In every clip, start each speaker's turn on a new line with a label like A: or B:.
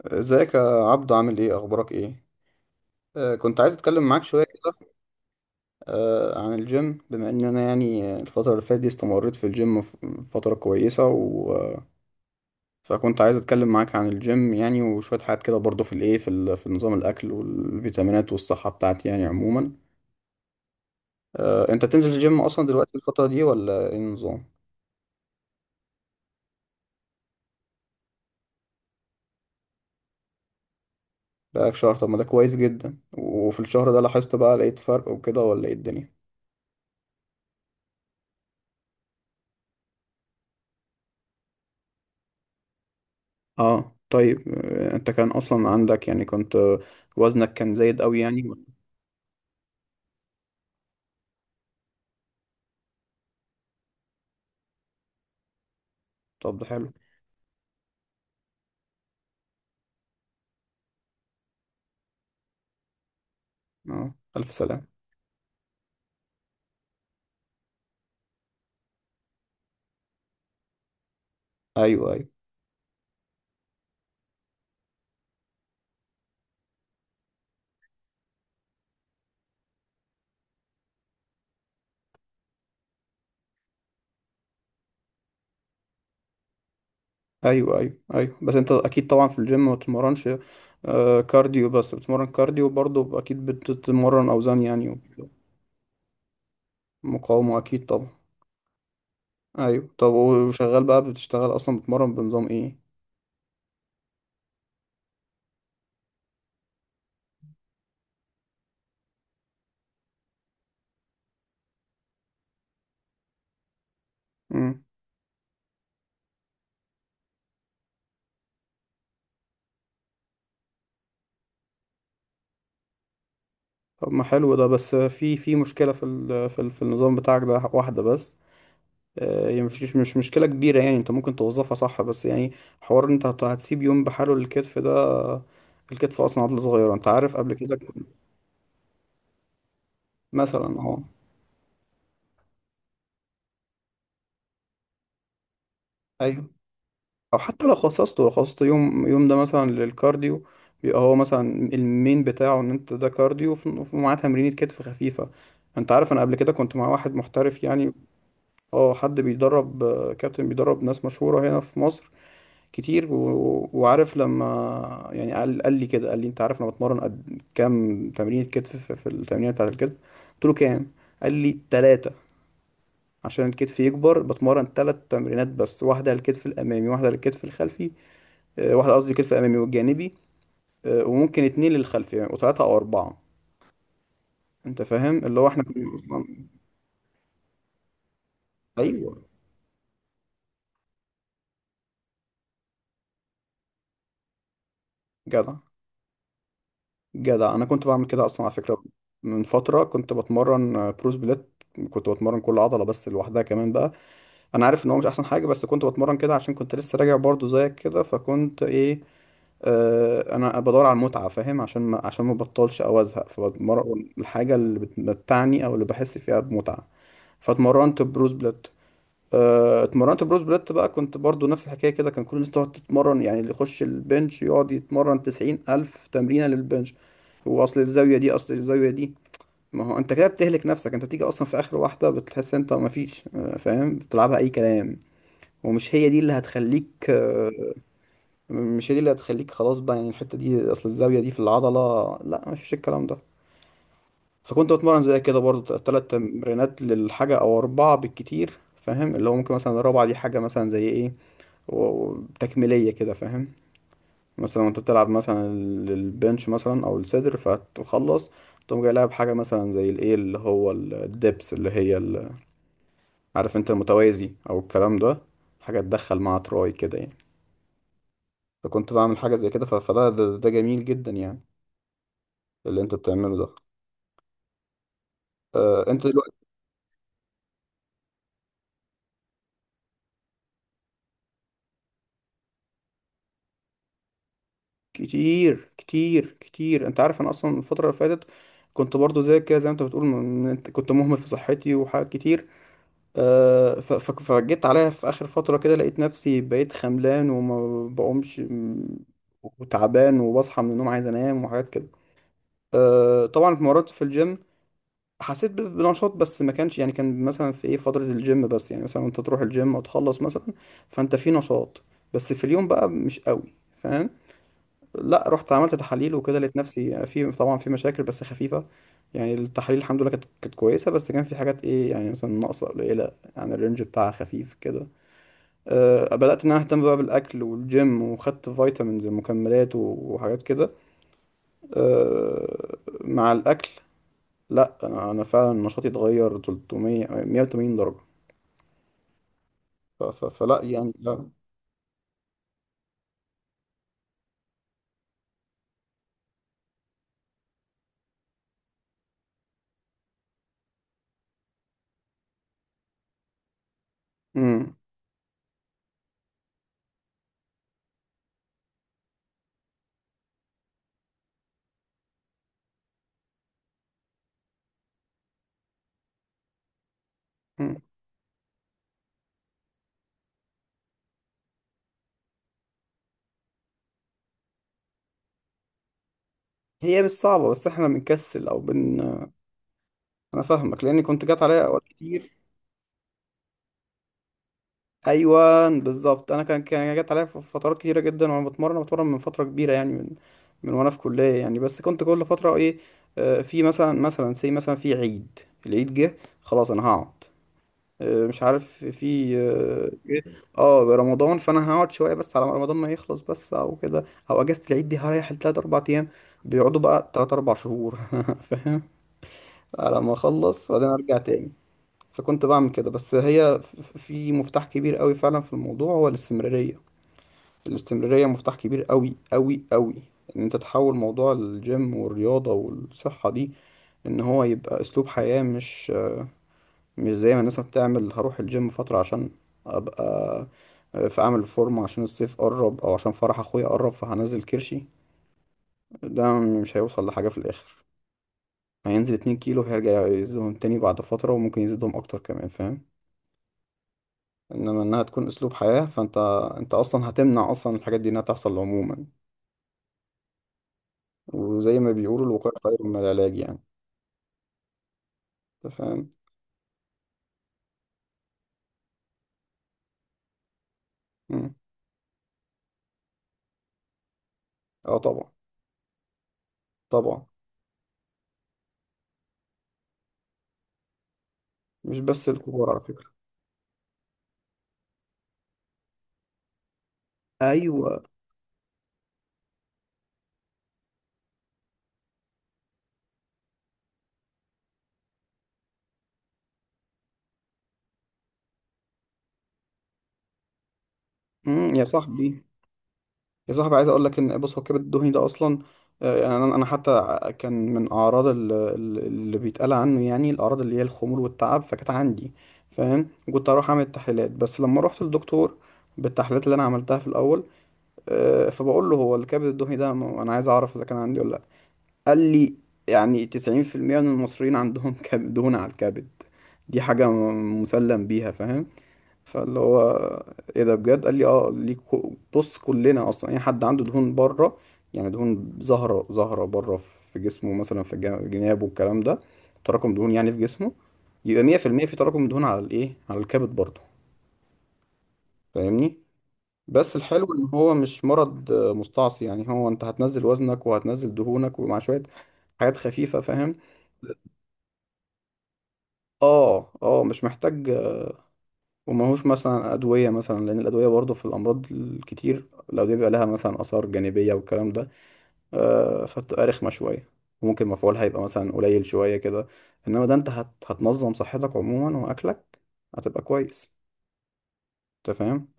A: ازيك يا عبدو؟ عامل ايه؟ اخبارك ايه؟ كنت عايز اتكلم معاك شويه كده. عن الجيم، بما ان انا يعني الفتره اللي فاتت دي استمريت في الجيم، فتره كويسه و... آه، فكنت عايز اتكلم معاك عن الجيم يعني، وشويه حاجات كده برضو في في نظام الاكل والفيتامينات والصحه بتاعتي يعني عموما. انت بتنزل الجيم اصلا دلوقتي الفتره دي ولا ايه النظام؟ بقالك شهر؟ طب ما ده كويس جدا. وفي الشهر ده لاحظت بقى لقيت فرق وكده، ولا ايه الدنيا؟ اه، طيب. انت كان اصلا عندك يعني كنت، وزنك كان زايد قوي يعني. طب ده حلو. اه، الف سلام. ايوه، ايوه، ايوه، ايوه، ايوه. بس انت اكيد طبعا في الجيم ما بتتمرنش كارديو بس، بتتمرن كارديو برضه، اكيد بتتمرن اوزان يعني. مقاومة، اكيد طبعا. ايوه. طب وشغال بقى، بتشتغل اصلا بتتمرن بنظام ايه؟ امم. طب ما حلو ده، بس في مشكلة في ال في, ال في النظام بتاعك ده، واحدة بس. يعني مش مشكلة كبيرة، يعني انت ممكن توظفها صح، بس يعني، حوار إن انت هتسيب يوم بحاله للكتف ده. الكتف اصلا عضلة صغيرة، انت عارف قبل كده. مثلا، اه. ايوه. او حتى لو خصصت يوم ده مثلا للكارديو، بيبقى هو مثلا المين بتاعه ان انت ده كارديو، ومعاه تمرينة كتف خفيفة. انت عارف انا قبل كده كنت مع واحد محترف يعني، اه، حد بيدرب، كابتن بيدرب ناس مشهورة هنا في مصر كتير، و... وعارف لما يعني قال لي كده، قال لي انت عارف انا بتمرن قد كام تمرين كتف في التمرين بتاعت الكتف؟ قلت له كام؟ قال لي ثلاثة. عشان الكتف يكبر بتمرن ثلاث تمرينات بس، واحدة للكتف الأمامي، واحدة للكتف الخلفي، واحدة قصدي الكتف الأمامي والجانبي، وممكن اتنين للخلفي يعني، وثلاثة أو أربعة. أنت فاهم اللي هو إحنا كنا أصلا. أيوه. جدع. جدع، أنا كنت بعمل كده أصلا على فكرة. من فترة كنت بتمرن برو سبليت. كنت بتمرن كل عضلة بس لوحدها كمان بقى. انا عارف ان هو مش احسن حاجه، بس كنت بتمرن كده عشان كنت لسه راجع برضو زيك كده، فكنت ايه، انا بدور على المتعه، فاهم، عشان ما بطلش او ازهق، فبتمرن الحاجه اللي بتمتعني او اللي بحس فيها بمتعه. فاتمرنت بروز بليت، اتمرنت بروز بليت بقى، كنت برضو نفس الحكايه كده، كان كل الناس تقعد تتمرن يعني، اللي يخش البنش يقعد يتمرن 90,000 تمرينه للبنش، واصل الزاويه دي اصل الزاويه دي. ما هو انت كده بتهلك نفسك، انت بتيجي اصلا في اخر واحده بتحس انت ما فيش، فاهم، بتلعبها اي كلام. ومش هي دي اللي هتخليك مش هي دي اللي هتخليك خلاص بقى يعني. الحتة دي أصل الزاوية دي في العضلة، لا، مفيش الكلام ده. فكنت بتمرن زي كده برضو تلات تمرينات للحاجة أو أربعة بالكتير، فاهم، اللي هو ممكن مثلا الرابعة دي حاجة مثلا زي إيه تكميلية كده، فاهم، مثلا وأنت بتلعب مثلا البنش مثلا أو الصدر فتخلص، تقوم جاي لاعب حاجة مثلا زي الإيه اللي هو الدبس اللي هي عارف أنت المتوازي أو الكلام ده، حاجة تدخل مع تراي كده يعني. فكنت بعمل حاجة زي كده، ف- فده، ده جميل جدا يعني، اللي انت بتعمله ده. انت دلوقتي، كتير، كتير، كتير. انت عارف انا اصلا الفترة اللي فاتت كنت برضو زي كده، زي ما انت بتقول، انت كنت مهمل في صحتي وحاجات كتير. فجيت عليا في اخر فترة كده لقيت نفسي بقيت خملان وما بقومش، وتعبان، وبصحى من النوم عايز انام وحاجات كده. طبعا اتمرنت في الجيم، حسيت بنشاط، بس ما كانش يعني، كان مثلا في ايه فترة الجيم بس يعني، مثلا انت تروح الجيم وتخلص مثلا فانت في نشاط، بس في اليوم بقى مش قوي، فاهم. لا، رحت عملت تحاليل وكده لقيت نفسي في، طبعا، في مشاكل بس خفيفة. يعني التحاليل الحمد لله كانت كويسة، بس كان في حاجات ايه يعني مثلا ناقصة قليلة، يعني الرينج بتاعها خفيف كده. أه، بدأت ان انا اهتم بقى بالاكل والجيم وخدت فيتامينز ومكملات وحاجات كده. أه، مع الاكل. لا، انا فعلا نشاطي اتغير 300 180 درجه. ف... ف... فلا يعني، لا. امم. أمم. هي مش صعبه، بس احنا بنكسل او بن، انا فاهمك لاني كنت جات عليا اوقات كتير. ايوه بالظبط. انا كان جات عليا في فترات كتيره جدا، وانا بتمرن من فتره كبيره يعني، من وانا في كليه يعني، بس كنت كل فتره ايه، في مثلا مثلا سي مثلا في عيد، العيد جه خلاص انا هقعد، مش عارف في اه، رمضان، فانا هقعد شويه بس على ما رمضان ما يخلص، بس او كده، او اجازه العيد دي هريح لتلات اربع ايام، بيقعدوا بقى تلات اربع شهور. فاهم، على ما اخلص وبعدين ارجع تاني. فكنت بعمل كده، بس هي، في مفتاح كبير قوي فعلا في الموضوع، هو الاستمراريه. الاستمراريه مفتاح كبير قوي، قوي، قوي، ان انت تحول موضوع الجيم والرياضه والصحه دي ان هو يبقى اسلوب حياة. مش زي ما الناس بتعمل، هروح الجيم فترة عشان ابقى في، اعمل فورمة عشان الصيف قرب او عشان فرح اخويا قرب فهنزل كرشي. ده مش هيوصل لحاجة في الاخر، هينزل 2 كيلو هيرجع يزيدهم تاني بعد فترة، وممكن يزيدهم اكتر كمان، فاهم. انما انها تكون اسلوب حياة، فانت اصلا هتمنع اصلا الحاجات دي انها تحصل عموما، وزي ما بيقولوا الوقاية خير من العلاج يعني. انت فاهم؟ مم. اه طبعا. طبعا. مش بس الكبار على فكرة. ايوه. مم. يا صاحبي، يا صاحبي، عايز اقول لك ان، بص، هو الكبد الدهني ده اصلا يعني، أنا حتى كان من اعراض اللي بيتقال عنه يعني، الاعراض اللي هي الخمول والتعب، فكانت عندي، فاهم. كنت اروح اعمل التحليلات، بس لما رحت للدكتور بالتحليلات اللي انا عملتها في الاول، فبقول له، هو الكبد الدهني ده، انا عايز اعرف اذا كان عندي ولا لا. قال لي يعني 90% من المصريين عندهم دهون على الكبد، دي حاجة مسلم بيها، فاهم. فاللي هو ايه ده بجد؟ قال لي اه، ليك بص كلنا اصلا اي حد عنده دهون بره، يعني دهون زهره زهره بره في جسمه، مثلا في جنابه والكلام ده، تراكم دهون يعني في جسمه، يبقى 100% في المية في تراكم دهون على الايه، على الكبد برضه. فاهمني؟ بس الحلو ان هو مش مرض مستعصي، يعني هو انت هتنزل وزنك وهتنزل دهونك ومع شويه حاجات خفيفه، فاهم. اه، اه، مش محتاج. وماهوش مثلا أدوية، مثلا لأن الأدوية برضه في الأمراض الكتير الأدوية بيبقى لها مثلا آثار جانبية والكلام ده، فبتبقى رخمة شوية، وممكن مفعولها يبقى مثلا قليل شوية كده. إنما ده أنت هتنظم صحتك عموما وأكلك، هتبقى كويس. أنت فاهم؟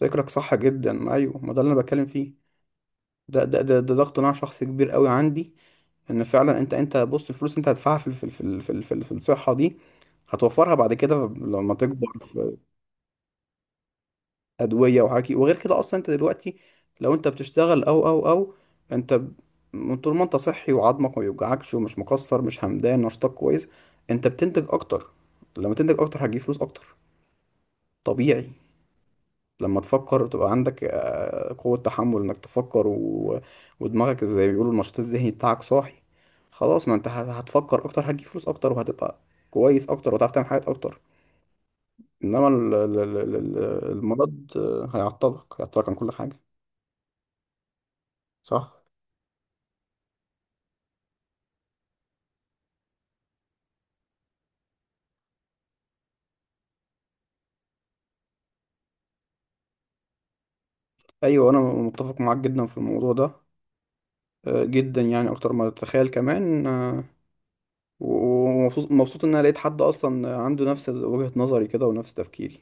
A: فكرك صح جدا. أيوه ما ده اللي أنا بتكلم فيه، ده اقتناع شخصي كبير قوي عندي، إن فعلا أنت بص، الفلوس أنت هتدفعها في الصحة دي، هتوفرها بعد كده لما تكبر. ادويه وحكي وغير كده. اصلا انت دلوقتي، لو انت بتشتغل او انت من طول ما انت صحي وعظمك ما بيوجعكش ومش مكسر، مش همدان، نشاطك كويس، انت بتنتج اكتر. لما تنتج اكتر هتجيب فلوس اكتر، طبيعي. لما تفكر تبقى عندك قوة تحمل انك تفكر، ودماغك، زي ما بيقولوا، النشاط الذهني بتاعك صاحي، خلاص، ما انت هتفكر اكتر هتجيب فلوس اكتر، وهتبقى كويس اكتر وهتعرف تعمل حاجات اكتر. انما المرض هيعطلك عن كل حاجة. صح. ايوه، انا متفق معاك جدا في الموضوع ده جدا يعني، اكتر ما تتخيل كمان، ومبسوط، مبسوط ان انا لقيت حد اصلا عنده نفس وجهة نظري كده ونفس تفكيري.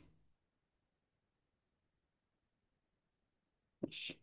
A: ماشي.